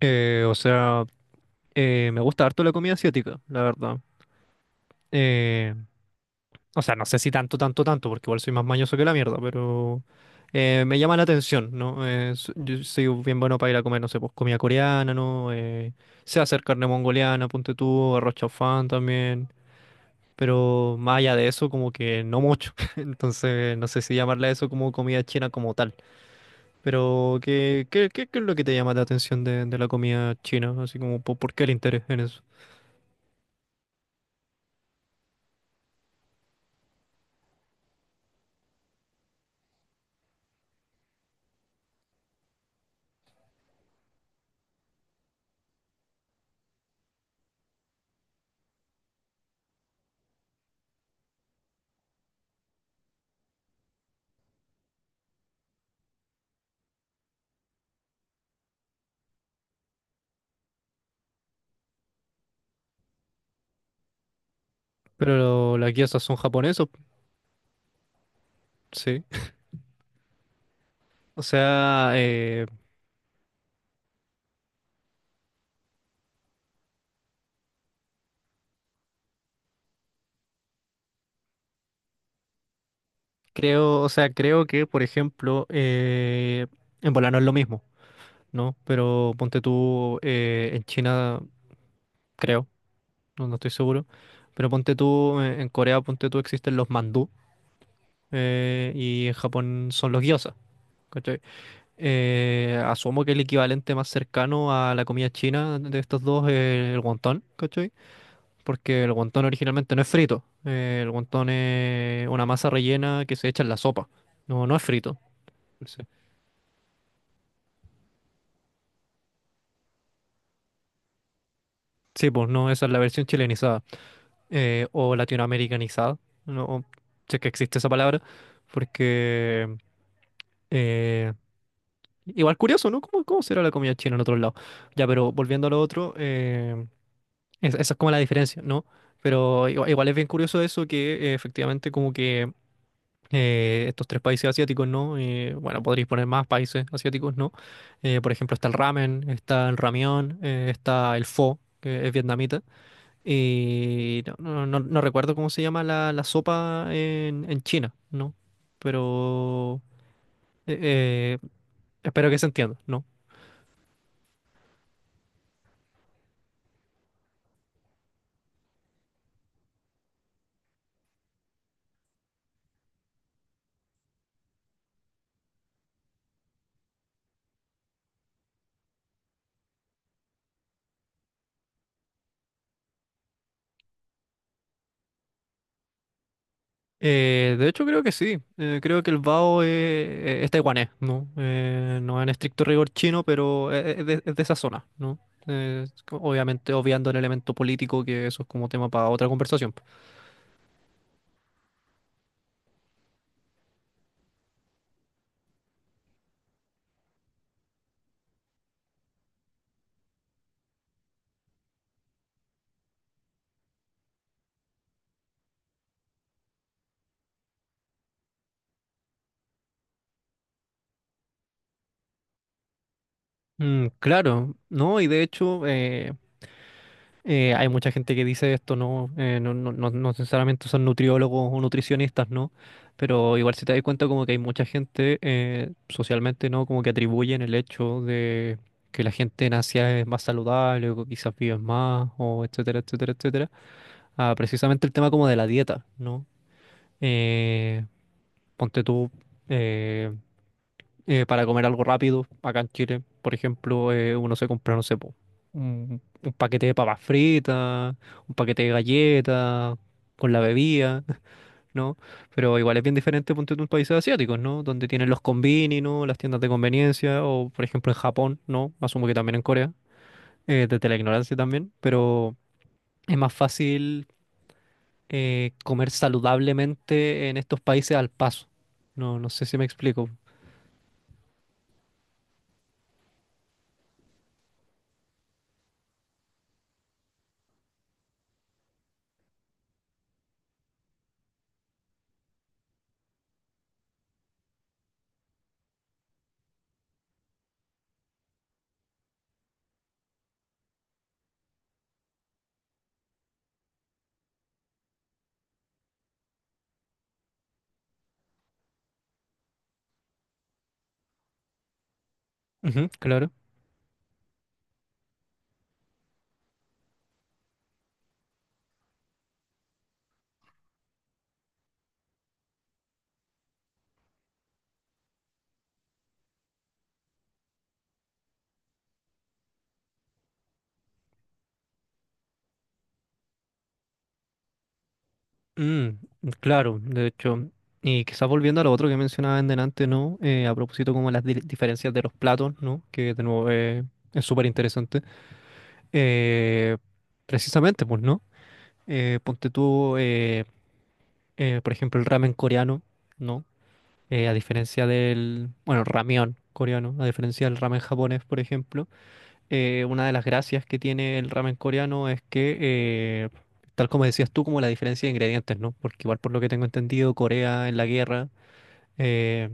Eh, o sea, me gusta harto la comida asiática, la verdad. Eh, no sé si tanto, porque igual soy más mañoso que la mierda, pero me llama la atención, ¿no? Yo soy bien bueno para ir a comer, no sé, pues comida coreana, ¿no? Sé hacer carne mongoliana, ponte tú, arroz chaufán también, pero más allá de eso, como que no mucho. Entonces, no sé si llamarle a eso como comida china como tal. Pero, ¿qué es lo que te llama la atención de la comida china? Así como, ¿por qué el interés en eso? Pero las guías son japonesos, sí. O sea, eh, creo, creo que, por ejemplo, en volar no es lo mismo, ¿no? Pero ponte tú en China, creo, no estoy seguro, pero ponte tú en Corea, ponte tú existen los mandú y en Japón son los gyozas. ¿Cachai? Asumo que el equivalente más cercano a la comida china de estos dos es el wonton, ¿cachai? Porque el guantón originalmente no es frito. El guantón es una masa rellena que se echa en la sopa. No, no es frito. Sí, sí, pues no, esa es la versión chilenizada o latinoamericanizada. No sé que existe esa palabra, porque eh, igual curioso, ¿no? ¿Cómo será la comida china en otro lado? Ya, pero volviendo a lo otro, esa es como la diferencia, ¿no? Pero igual es bien curioso eso que efectivamente como que estos tres países asiáticos, ¿no? Bueno, podríais poner más países asiáticos, ¿no? Por ejemplo, está el ramen, está el ramión, está el pho, que es vietnamita, y no, no recuerdo cómo se llama la sopa en China, ¿no? Pero eh, eh, espero que se entienda, ¿no? De hecho, creo que sí. Creo que el bao es taiwanés, ¿no? No en estricto rigor chino, pero es de esa zona, ¿no? Obviamente, obviando el elemento político, que eso es como tema para otra conversación. Mm, claro, ¿no? Y de hecho, hay mucha gente que dice esto, no, no necesariamente son nutriólogos o nutricionistas, ¿no? Pero igual si te das cuenta como que hay mucha gente socialmente, ¿no? Como que atribuyen el hecho de que la gente en Asia es más saludable o que quizás vive más o etcétera, etcétera, etcétera, a precisamente el tema como de la dieta, ¿no? Eh, ponte tú, eh, para comer algo rápido acá en Chile. Por ejemplo, uno se compra, no sé, po, un paquete de papas fritas, un paquete de galletas, con la bebida, ¿no? Pero igual es bien diferente, ponte tú, en países asiáticos, ¿no? Donde tienen los combini, ¿no? Las tiendas de conveniencia, o por ejemplo en Japón, ¿no? Asumo que también en Corea, desde la ignorancia también, pero es más fácil comer saludablemente en estos países al paso. No, no sé si me explico. Ujú, claro. Mm, claro, de hecho, y quizás volviendo a lo otro que mencionaba en delante, ¿no? A propósito como las diferencias de los platos, ¿no? Que de nuevo es súper interesante. Eh, precisamente, pues, ¿no? Ponte tú, por ejemplo, el ramen coreano, ¿no? A diferencia del, bueno, ramión coreano, a diferencia del ramen japonés, por ejemplo una de las gracias que tiene el ramen coreano es que, tal como decías tú, como la diferencia de ingredientes, ¿no? Porque igual por lo que tengo entendido, Corea en la guerra, eh,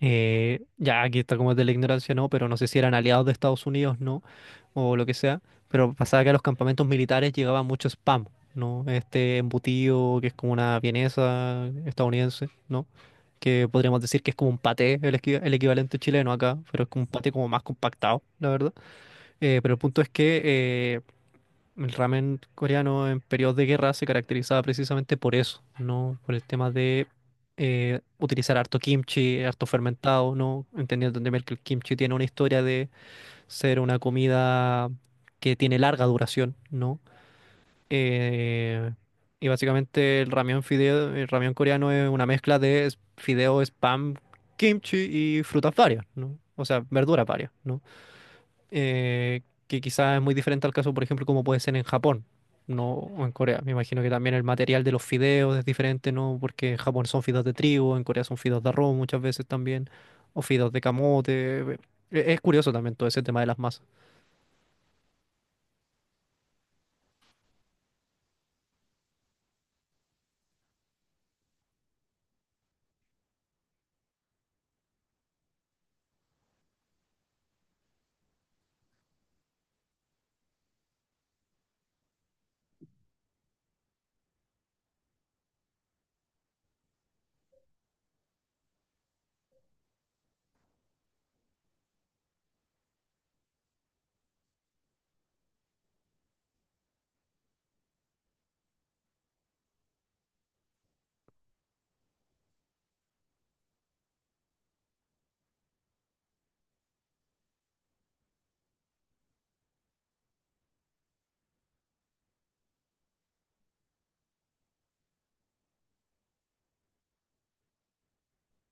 ya aquí está como es de la ignorancia, ¿no? Pero no sé si eran aliados de Estados Unidos, ¿no? O lo que sea, pero pasaba que a los campamentos militares llegaba mucho spam, ¿no? Este embutido que es como una vienesa estadounidense, ¿no? Que podríamos decir que es como un paté, el, el equivalente chileno acá, pero es como un paté como más compactado, la verdad. Pero el punto es que el ramen coreano en periodos de guerra se caracterizaba precisamente por eso, ¿no? Por el tema de utilizar harto kimchi, harto fermentado, ¿no? Entendiendo también que el kimchi tiene una historia de ser una comida que tiene larga duración, ¿no? Eh, y básicamente el ramen fideo, el ramen coreano es una mezcla de fideo, spam, kimchi y frutas varias, ¿no? O sea, verduras varias, ¿no? Eh, que quizás es muy diferente al caso, por ejemplo, como puede ser en Japón, no o en Corea. Me imagino que también el material de los fideos es diferente, ¿no? Porque en Japón son fideos de trigo, en Corea son fideos de arroz muchas veces también, o fideos de camote. Es curioso también todo ese tema de las masas.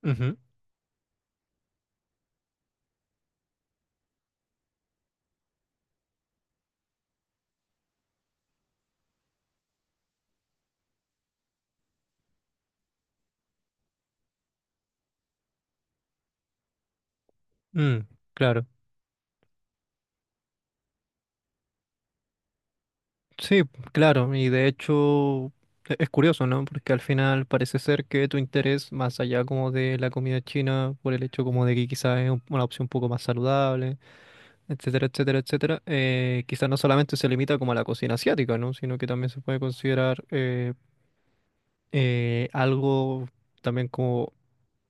Ujú, mm, claro. Sí, claro, y de hecho es curioso, ¿no? Porque al final parece ser que tu interés, más allá como de la comida china, por el hecho como de que quizás es una opción un poco más saludable, etcétera, etcétera, etcétera, quizás no solamente se limita como a la cocina asiática, ¿no? Sino que también se puede considerar algo también como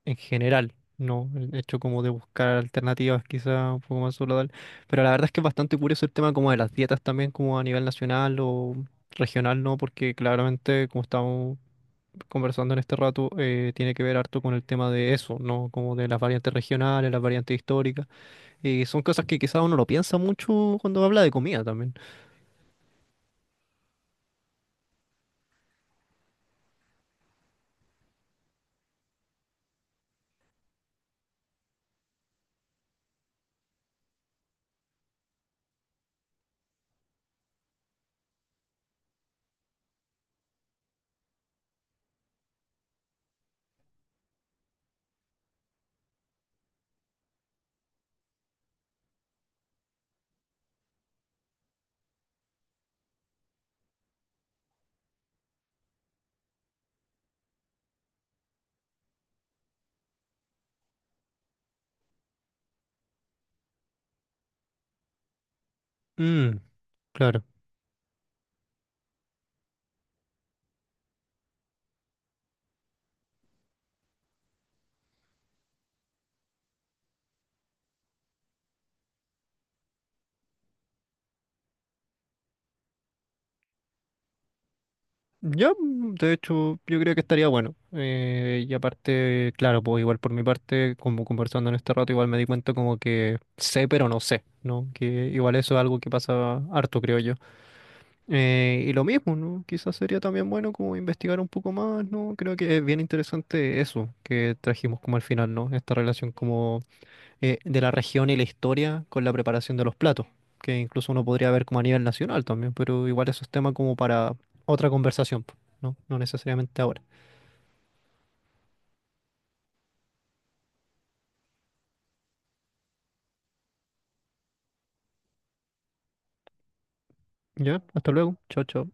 en general, ¿no? El hecho como de buscar alternativas quizás un poco más saludables. Pero la verdad es que es bastante curioso el tema como de las dietas también como a nivel nacional o regional, ¿no? Porque claramente como estamos conversando en este rato, tiene que ver harto con el tema de eso, ¿no? Como de las variantes regionales, las variantes históricas. Y son cosas que quizás uno lo piensa mucho cuando habla de comida también. Mm, claro. Ya, mm, de hecho, yo creo que estaría bueno. Y aparte, claro, pues igual por mi parte, como conversando en este rato, igual me di cuenta como que sé, pero no sé, ¿no? Que igual eso es algo que pasa harto, creo yo. Y lo mismo, ¿no? Quizás sería también bueno como investigar un poco más, ¿no? Creo que es bien interesante eso que trajimos como al final, ¿no? Esta relación como de la región y la historia con la preparación de los platos, que incluso uno podría ver como a nivel nacional también, pero igual eso es tema como para otra conversación, po, ¿no? No necesariamente ahora. Ya, hasta luego. Chao, chao.